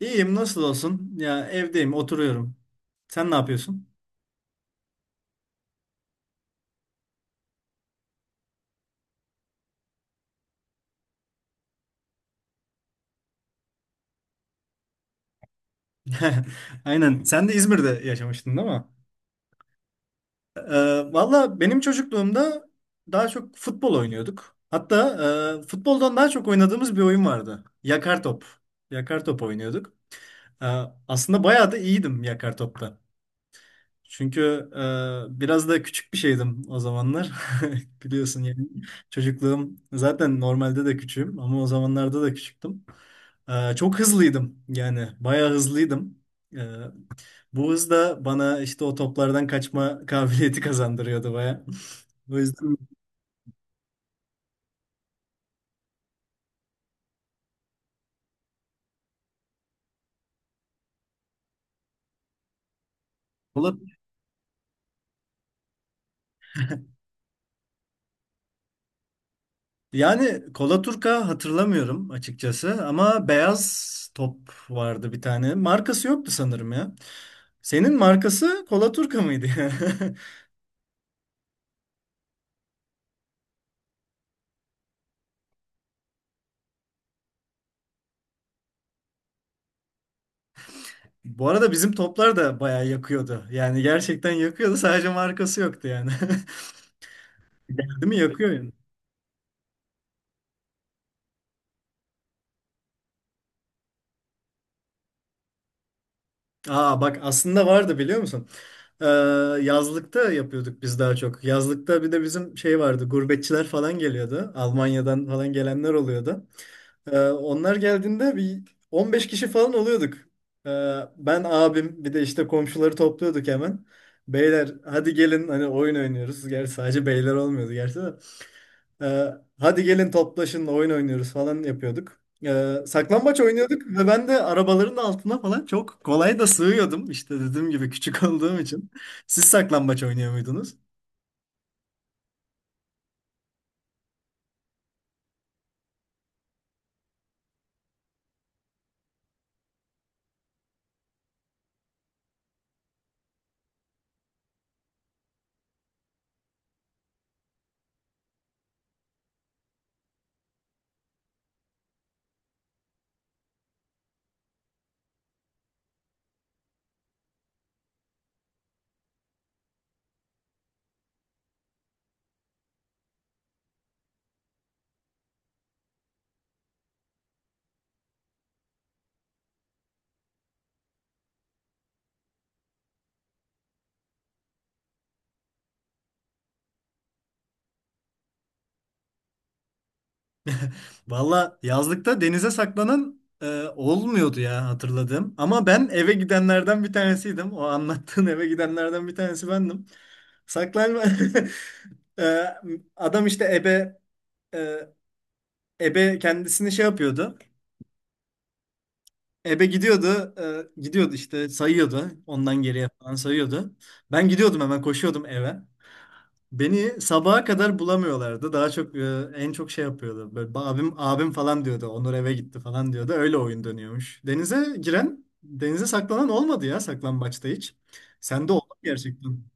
İyiyim nasıl olsun? Ya evdeyim oturuyorum. Sen ne yapıyorsun? Aynen. Sen de İzmir'de yaşamıştın değil mi? Valla benim çocukluğumda daha çok futbol oynuyorduk. Hatta futboldan daha çok oynadığımız bir oyun vardı. Yakar top. Yakar top oynuyorduk. Ee, aslında bayağı da iyiydim yakar topta. Çünkü biraz da küçük bir şeydim o zamanlar. Biliyorsun yani çocukluğum zaten normalde de küçüğüm ama o zamanlarda da küçüktüm. Çok hızlıydım yani bayağı hızlıydım. E, bu hız da bana işte o toplardan kaçma kabiliyeti kazandırıyordu bayağı. O yüzden kola, yani kola turka hatırlamıyorum açıkçası ama beyaz top vardı bir tane. Markası yoktu sanırım ya. Senin markası kola turka mıydı? Bu arada bizim toplar da bayağı yakıyordu. Yani gerçekten yakıyordu. Sadece markası yoktu yani. Değil mi? Yakıyor yani. Aa, bak aslında vardı biliyor musun? Ee, yazlıkta yapıyorduk biz daha çok. Yazlıkta bir de bizim şey vardı. Gurbetçiler falan geliyordu. Almanya'dan falan gelenler oluyordu. Onlar geldiğinde bir 15 kişi falan oluyorduk. Ben abim bir de işte komşuları topluyorduk hemen. Beyler hadi gelin hani oyun oynuyoruz. Gerçi sadece beyler olmuyordu gerçi de. Ee, hadi gelin toplaşın oyun oynuyoruz falan yapıyorduk. Saklambaç oynuyorduk ve ben de arabaların altına falan çok kolay da sığıyordum. İşte dediğim gibi küçük olduğum için. Siz saklambaç oynuyor muydunuz? Valla yazlıkta denize saklanan olmuyordu ya hatırladığım. Ama ben eve gidenlerden bir tanesiydim. O anlattığın eve gidenlerden bir tanesi bendim. Saklanma... Ee, adam işte e, ebe kendisini şey yapıyordu. Ebe gidiyordu. Gidiyordu işte sayıyordu. Ondan geriye falan sayıyordu. Ben gidiyordum hemen koşuyordum eve. Beni sabaha kadar bulamıyorlardı. Daha çok en çok şey yapıyordu. Böyle abim abim falan diyordu. Onur eve gitti falan diyordu. Öyle oyun dönüyormuş. Denize giren, denize saklanan olmadı ya saklambaçta hiç. Sen de oldu mu gerçekten.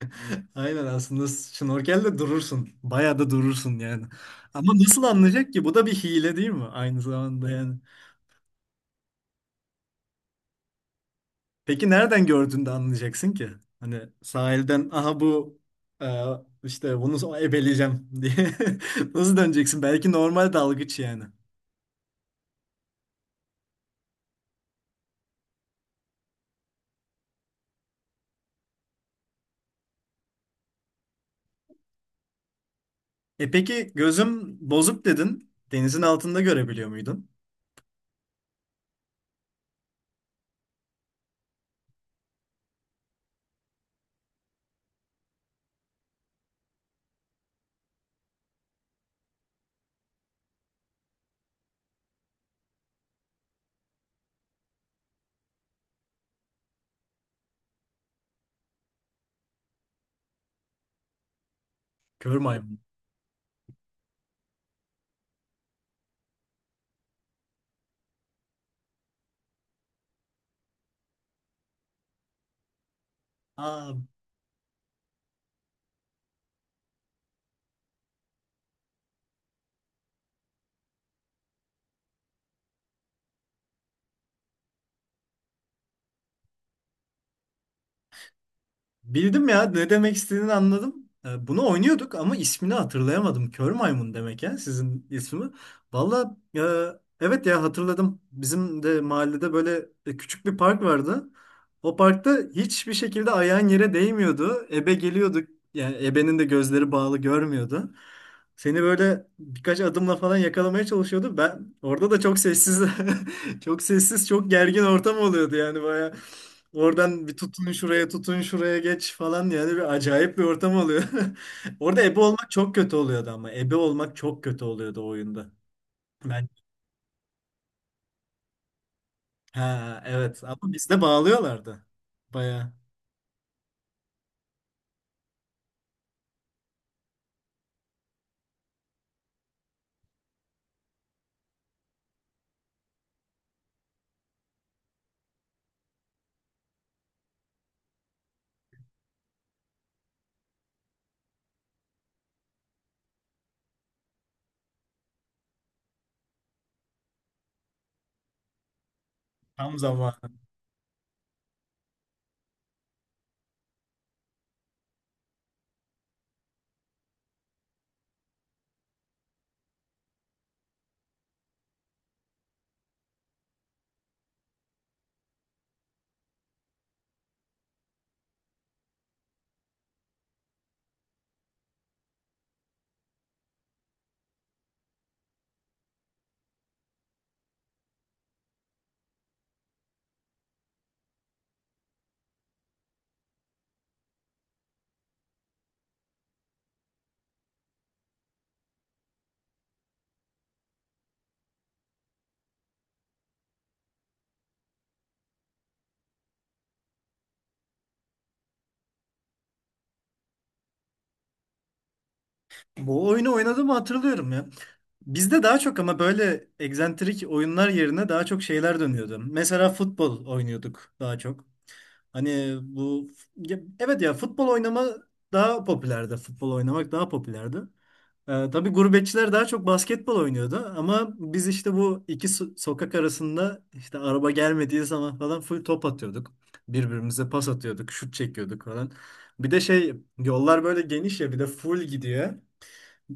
Aynen, aslında şnorkelde durursun. Bayağı da durursun yani. Ama nasıl anlayacak ki? Bu da bir hile değil mi? Aynı zamanda yani. Peki nereden gördüğünde anlayacaksın ki? Hani sahilden aha bu e, işte bunu ebeleyeceğim diye nasıl döneceksin? Belki normal dalgıç yani. E peki gözüm bozuk dedin. Denizin altında görebiliyor muydun? Kör maymun. Aa, bildim ya ne demek istediğini anladım. Bunu oynuyorduk ama ismini hatırlayamadım. Kör maymun demek ya sizin ismi. Valla evet ya hatırladım. Bizim de mahallede böyle küçük bir park vardı. O parkta hiçbir şekilde ayağın yere değmiyordu. Ebe geliyordu. Yani ebenin de gözleri bağlı görmüyordu. Seni böyle birkaç adımla falan yakalamaya çalışıyordu. Ben orada da çok sessiz, çok sessiz, çok gergin ortam oluyordu yani baya. Oradan bir tutun şuraya tutun şuraya geç falan yani bir acayip bir ortam oluyor. Orada ebe olmak çok kötü oluyordu ama ebe olmak çok kötü oluyordu o oyunda. Ben ha, evet, ama bizde bağlıyorlardı. Baya tam zamanı. Bu oyunu oynadığımı hatırlıyorum ya. Bizde daha çok ama böyle egzantrik oyunlar yerine daha çok şeyler dönüyordu. Mesela futbol oynuyorduk daha çok. Hani bu evet ya futbol oynama daha popülerdi. Futbol oynamak daha popülerdi. Tabii gurbetçiler daha çok basketbol oynuyordu ama biz işte bu iki sokak arasında işte araba gelmediği zaman falan full top atıyorduk. Birbirimize pas atıyorduk, şut çekiyorduk falan. Bir de şey yollar böyle geniş ya bir de full gidiyor.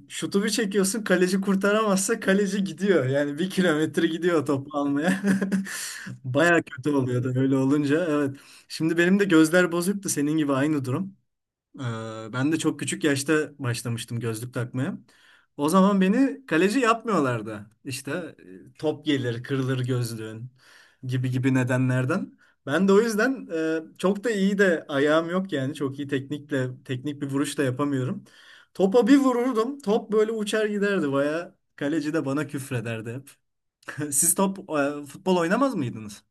Şutu bir çekiyorsun kaleci kurtaramazsa kaleci gidiyor. Yani bir kilometre gidiyor topu almaya. Baya kötü oluyordu öyle olunca, evet. Şimdi benim de gözler bozuktu senin gibi, aynı durum. Ben de çok küçük yaşta başlamıştım gözlük takmaya. O zaman beni kaleci yapmıyorlardı. İşte top gelir, kırılır gözlüğün gibi gibi nedenlerden. Ben de o yüzden çok da iyi de ayağım yok yani. Çok iyi teknikle, teknik bir vuruş da yapamıyorum. Topa bir vururdum. Top böyle uçar giderdi. Baya kaleci de bana küfrederdi hep. Siz futbol oynamaz mıydınız?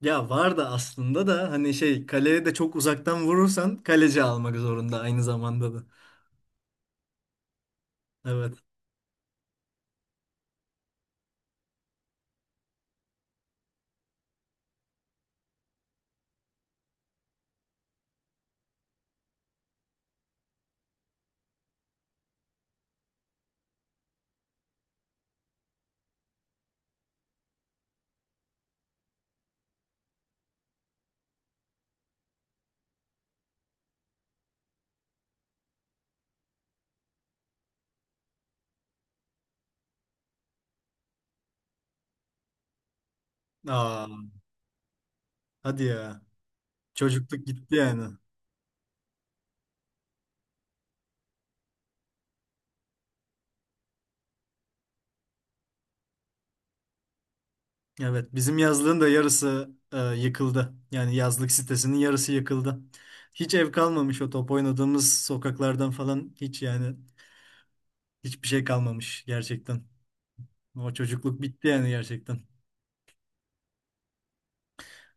Ya var da aslında da hani şey kaleye de çok uzaktan vurursan kaleci almak zorunda aynı zamanda da. Evet. Aa, hadi ya. Çocukluk gitti yani. Evet, bizim yazlığın da yarısı yıkıldı. Yani yazlık sitesinin yarısı yıkıldı. Hiç ev kalmamış, o top oynadığımız sokaklardan falan hiç yani hiçbir şey kalmamış gerçekten. O çocukluk bitti yani gerçekten.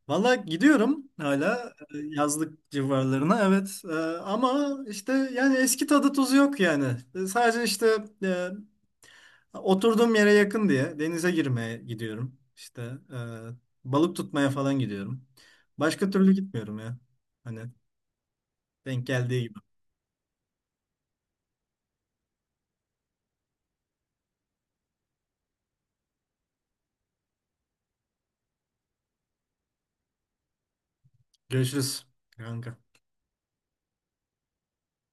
Valla gidiyorum hala yazlık civarlarına, evet. Ama işte yani eski tadı tuzu yok yani. Sadece işte e, oturduğum yere yakın diye denize girmeye gidiyorum. İşte e, balık tutmaya falan gidiyorum. Başka türlü gitmiyorum ya. Hani denk geldiği gibi. Görüşürüz kanka.